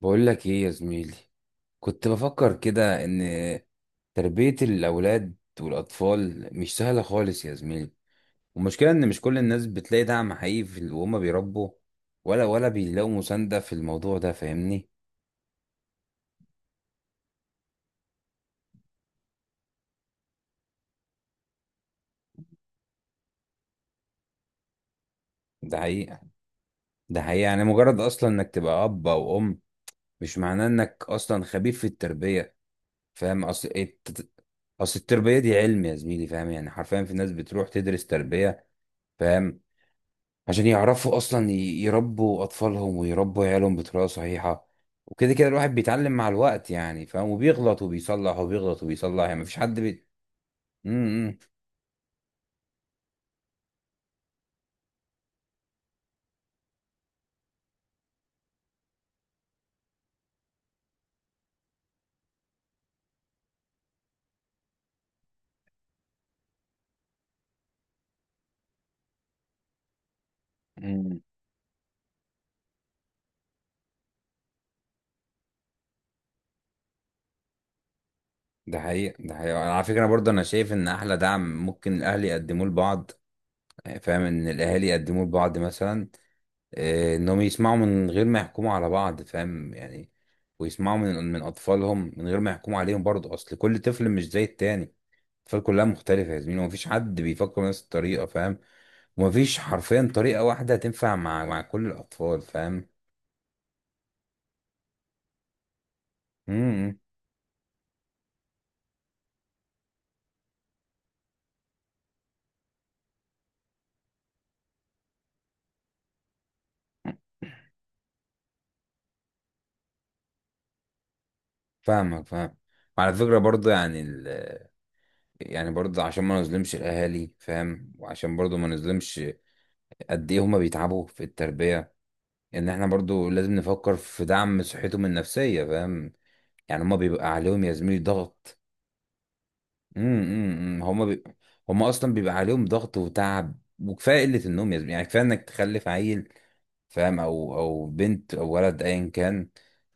بقول لك ايه يا زميلي؟ كنت بفكر كده ان تربية الاولاد والاطفال مش سهلة خالص يا زميلي. والمشكلة ان مش كل الناس بتلاقي دعم حقيقي في وهم بيربوا، ولا بيلاقوا مساندة في الموضوع ده، فاهمني؟ ده حقيقة، ده حقيقة. يعني مجرد اصلا انك تبقى اب او ام مش معناه انك اصلا خبير في التربية، فاهم؟ اصل التربية دي علم يا زميلي، فاهم؟ يعني حرفيا في ناس بتروح تدرس تربية، فاهم؟ عشان يعرفوا اصلا ي- يربوا اطفالهم ويربوا عيالهم بطريقه صحيحه. وكده كده الواحد بيتعلم مع الوقت يعني، فاهم؟ وبيغلط وبيصلح وبيغلط وبيصلح، يعني مفيش حد امم مم. ده حقيقة، ده حقيقة. أنا على فكرة، أنا برضه أنا شايف إن أحلى دعم ممكن الأهل يقدموه لبعض، فاهم؟ إن الأهالي يقدموه لبعض مثلا، آه، إنهم يسمعوا من غير ما يحكموا على بعض، فاهم يعني؟ ويسمعوا من أطفالهم من غير ما يحكموا عليهم برضه. أصل كل طفل مش زي التاني. الأطفال كلها مختلفة يا زميلي، ومفيش حد بيفكر بنفس الطريقة، فاهم؟ ومفيش حرفيا طريقة واحدة تنفع مع كل الأطفال، فاهم؟ امم، فاهمك، فاهم. وعلى فكرة برضه يعني برضه عشان ما نظلمش الأهالي، فاهم؟ وعشان برضه ما نظلمش قد إيه هما بيتعبوا في التربية. إن إحنا برضه لازم نفكر في دعم صحتهم النفسية، فاهم؟ يعني هما بيبقى عليهم يا زميلي ضغط. امم امم، امم. هم بي... هم اصلا بيبقى عليهم ضغط وتعب وكفايه قله النوم يا زميلي، يعني كفايه انك تخلف عيل، فاهم؟ او بنت او ولد ايا كان،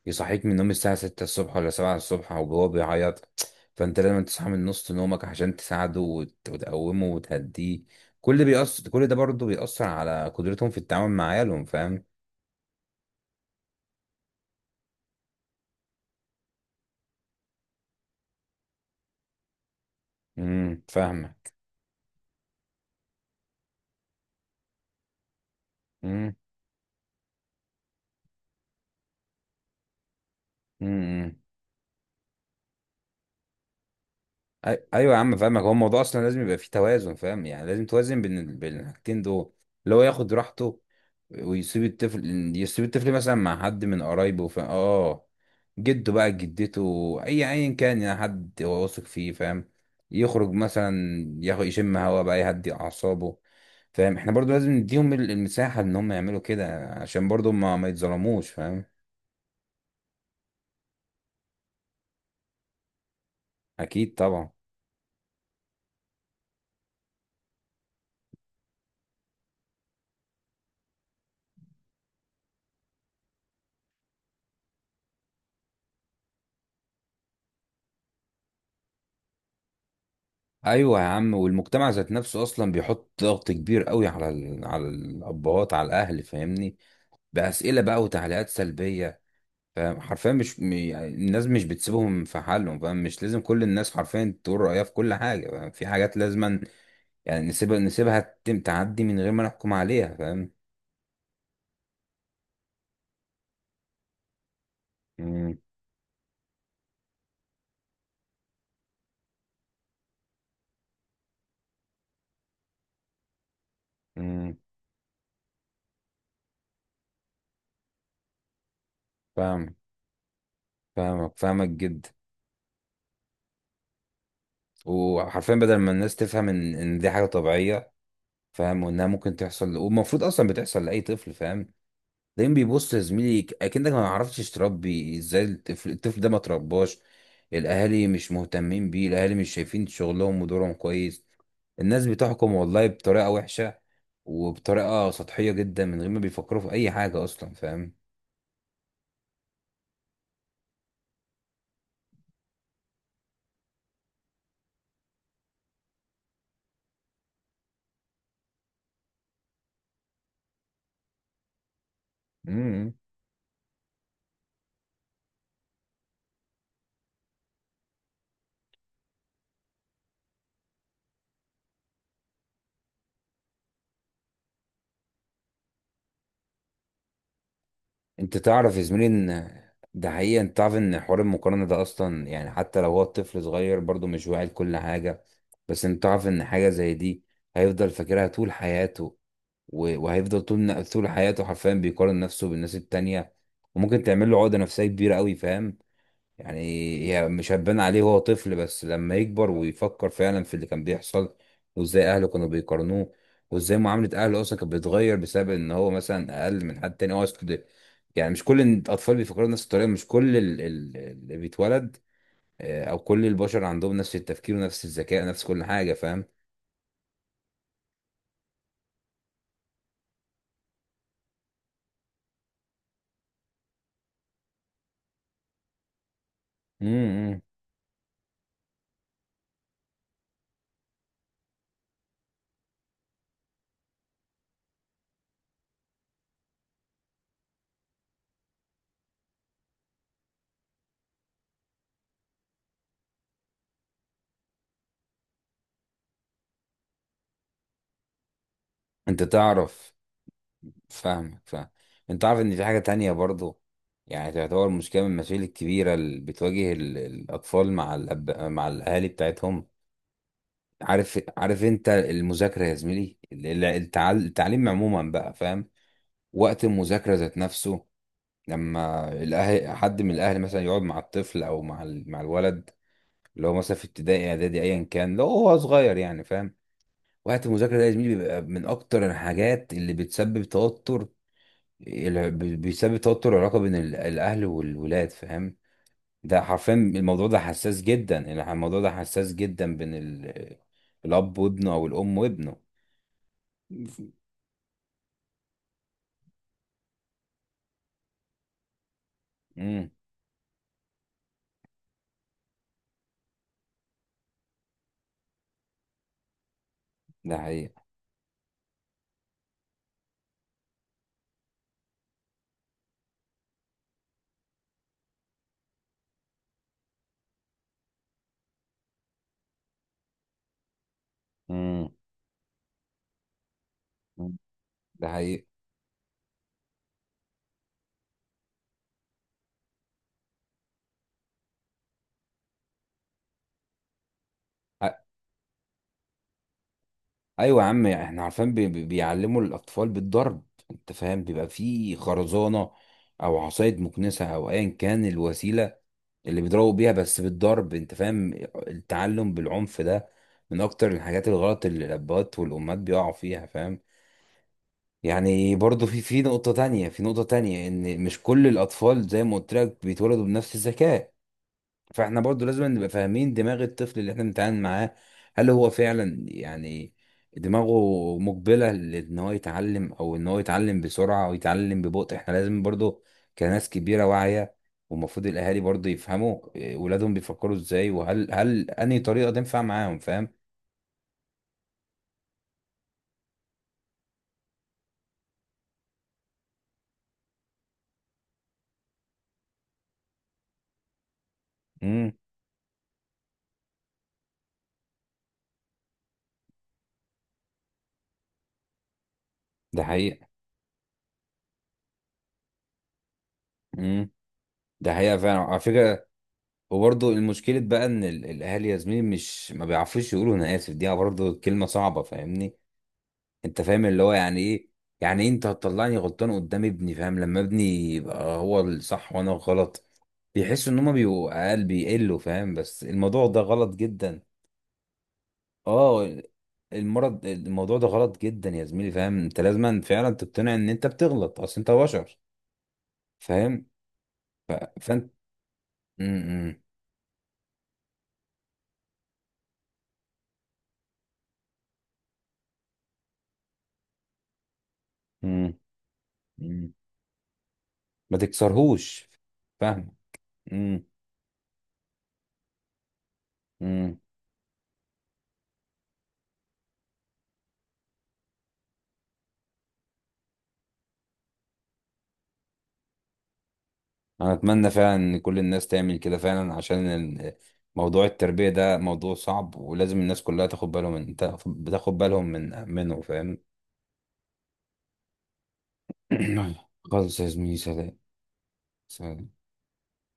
يصحيك من النوم الساعه 6 الصبح ولا 7 الصبح وهو بيعيط. فانت لازم تصحى من نص نومك عشان تساعده وتقومه وتهديه. كل ده بيأثر، كل ده برضه بيأثر على قدرتهم في التعامل مع عيالهم، فاهم؟ فاهمك. امم ايوه يا عم، فاهمك. هو الموضوع اصلا لازم يبقى فيه توازن، فاهم؟ يعني لازم توازن بين بين الحاجتين دول، اللي هو ياخد راحته ويسيب الطفل، يسيب الطفل مثلا مع حد من قرايبه، فاهم؟ اه، جده بقى، جدته، اي ايا كان، يعني حد هو واثق فيه، فاهم؟ يخرج مثلا، ياخد يشم هوا بقى، يهدي اعصابه، فاهم؟ احنا برضو لازم نديهم المساحة ان هم يعملوا كده عشان برضو ما يتظلموش، فاهم؟ اكيد طبعا. ايوه يا عم، والمجتمع ذات نفسه اصلا بيحط ضغط كبير قوي على على الابهات، على الاهل، فاهمني؟ باسئله بقى وتعليقات سلبيه، فاهم؟ حرفيا مش م- يعني الناس مش بتسيبهم في حالهم، فاهم؟ مش لازم كل الناس حرفيا تقول رايها في كل حاجه، فاهم؟ في حاجات لازما يعني نسيبها، نسيبها تعدي من غير ما نحكم عليها، فاهم؟ امم، امم. فاهم. فاهمك، فاهمك جدا. وحرفيا بدل ما الناس تفهم ان دي حاجه طبيعيه، فاهم؟ وانها ممكن تحصل، والمفروض اصلا بتحصل لاي طفل، فاهم؟ دايما بيبص يا زميلي اكنك ما عرفتش تربي ازاي. الطفل، الطفل ده ما ترباش، الاهالي مش مهتمين بيه، الاهالي مش شايفين شغلهم ودورهم كويس. الناس بتحكم والله بطريقة وحشة، وبطريقة سطحية جدا، من غير ما بيفكروا في اي حاجة اصلا، فاهم؟ امم انت تعرف يا زميلي ان ده حقيقة. انت تعرف ان حوار المقارنة ده اصلا يعني، حتى لو هو الطفل صغير برضه مش واعي لكل حاجة، بس انت تعرف ان حاجة زي دي هيفضل فاكرها طول حياته. وهيفضل طول طول حياته حرفيا بيقارن نفسه بالناس التانية، وممكن تعمل له عقدة نفسية كبيرة قوي، فاهم؟ يعني هي مش هتبان عليه وهو طفل، بس لما يكبر ويفكر فعلا في اللي كان بيحصل، وازاي اهله كانوا بيقارنوه، وازاي معاملة اهله اصلا كانت بتتغير بسبب ان هو مثلا اقل من حد تاني، يعني مش كل الاطفال بيفكروا نفس الطريقة. مش كل اللي بيتولد، آه، او كل البشر عندهم نفس التفكير ونفس الذكاء، نفس كل حاجة، فاهم؟ امم انت تعرف. فاهمك، فاهم. انت عارف ان في حاجة تانية برضو، يعني تعتبر مشكلة من المشاكل الكبيرة اللي بتواجه الأطفال مع مع الأهالي بتاعتهم. عارف، عارف انت المذاكرة يا زميلي، التعليم عموما بقى، فاهم؟ وقت المذاكرة ذات نفسه، لما الأهل، حد من الأهل مثلا، يقعد مع الطفل أو مع مع الولد اللي هو مثلا في ابتدائي إعدادي أيا كان، لو هو صغير يعني، فاهم؟ وقت المذاكرة ده يا زميلي بيبقى من أكتر الحاجات اللي بتسبب توتر. بيسبب توتر العلاقه بين الاهل والولاد، فاهم؟ ده حرفيا الموضوع ده حساس جدا، الموضوع ده حساس جدا بين الاب وابنه او الام وابنه. امم، ده حقيقي. امم، ده حقيقي. أ- ايوه يا عم، احنا عارفين بيعلموا الاطفال بالضرب، انت فاهم؟ بيبقى فيه خرزانه او عصايه مكنسه او ايا كان الوسيله اللي بيضربوا بيها. بس بالضرب انت فاهم، التعلم بالعنف ده من اكتر الحاجات الغلط اللي الابهات والامهات بيقعوا فيها، فاهم؟ يعني برضو في نقطة تانية، في نقطة تانية ان مش كل الاطفال زي ما قلت لك بيتولدوا بنفس الذكاء. فاحنا برضو لازم نبقى فاهمين دماغ الطفل اللي احنا بنتعامل معاه، هل هو فعلا يعني دماغه مقبلة لان هو يتعلم، او ان هو يتعلم بسرعة او يتعلم ببطء. احنا لازم برضو كناس كبيرة واعية، والمفروض الاهالي برضو يفهموا، إيه، ولادهم بيفكروا ازاي، وهل انهي طريقة تنفع معاهم، فاهم؟ امم ده حقيقة. امم ده حقيقة فعلا على فكرة. وبرضه المشكلة بقى ان الاهالي يا زميلي مش ما بيعرفوش يقولوا انا اسف. دي برضه كلمة صعبة، فاهمني؟ انت فاهم اللي هو يعني ايه؟ يعني ايه انت هتطلعني غلطان قدام ابني، فاهم؟ لما ابني يبقى هو الصح وانا الغلط، بيحسوا ان هما بيبقوا اقل، بيقلوا، فاهم؟ بس الموضوع ده غلط جدا. اه، المرض، الموضوع ده غلط جدا يا زميلي، فاهم؟ انت لازم فعلا تقتنع ان انت بتغلط، اصل انت بشر، فاهم؟ فانت م -م -م -م. ما تكسرهوش، فاهم؟ م -م. انا اتمنى فعلا ان كل الناس تعمل كده فعلا، عشان موضوع التربية ده موضوع صعب، ولازم الناس كلها تاخد بالهم من، تاخد بالهم منه، فاهم؟ خلاص يا زميلي، سلام. سلام.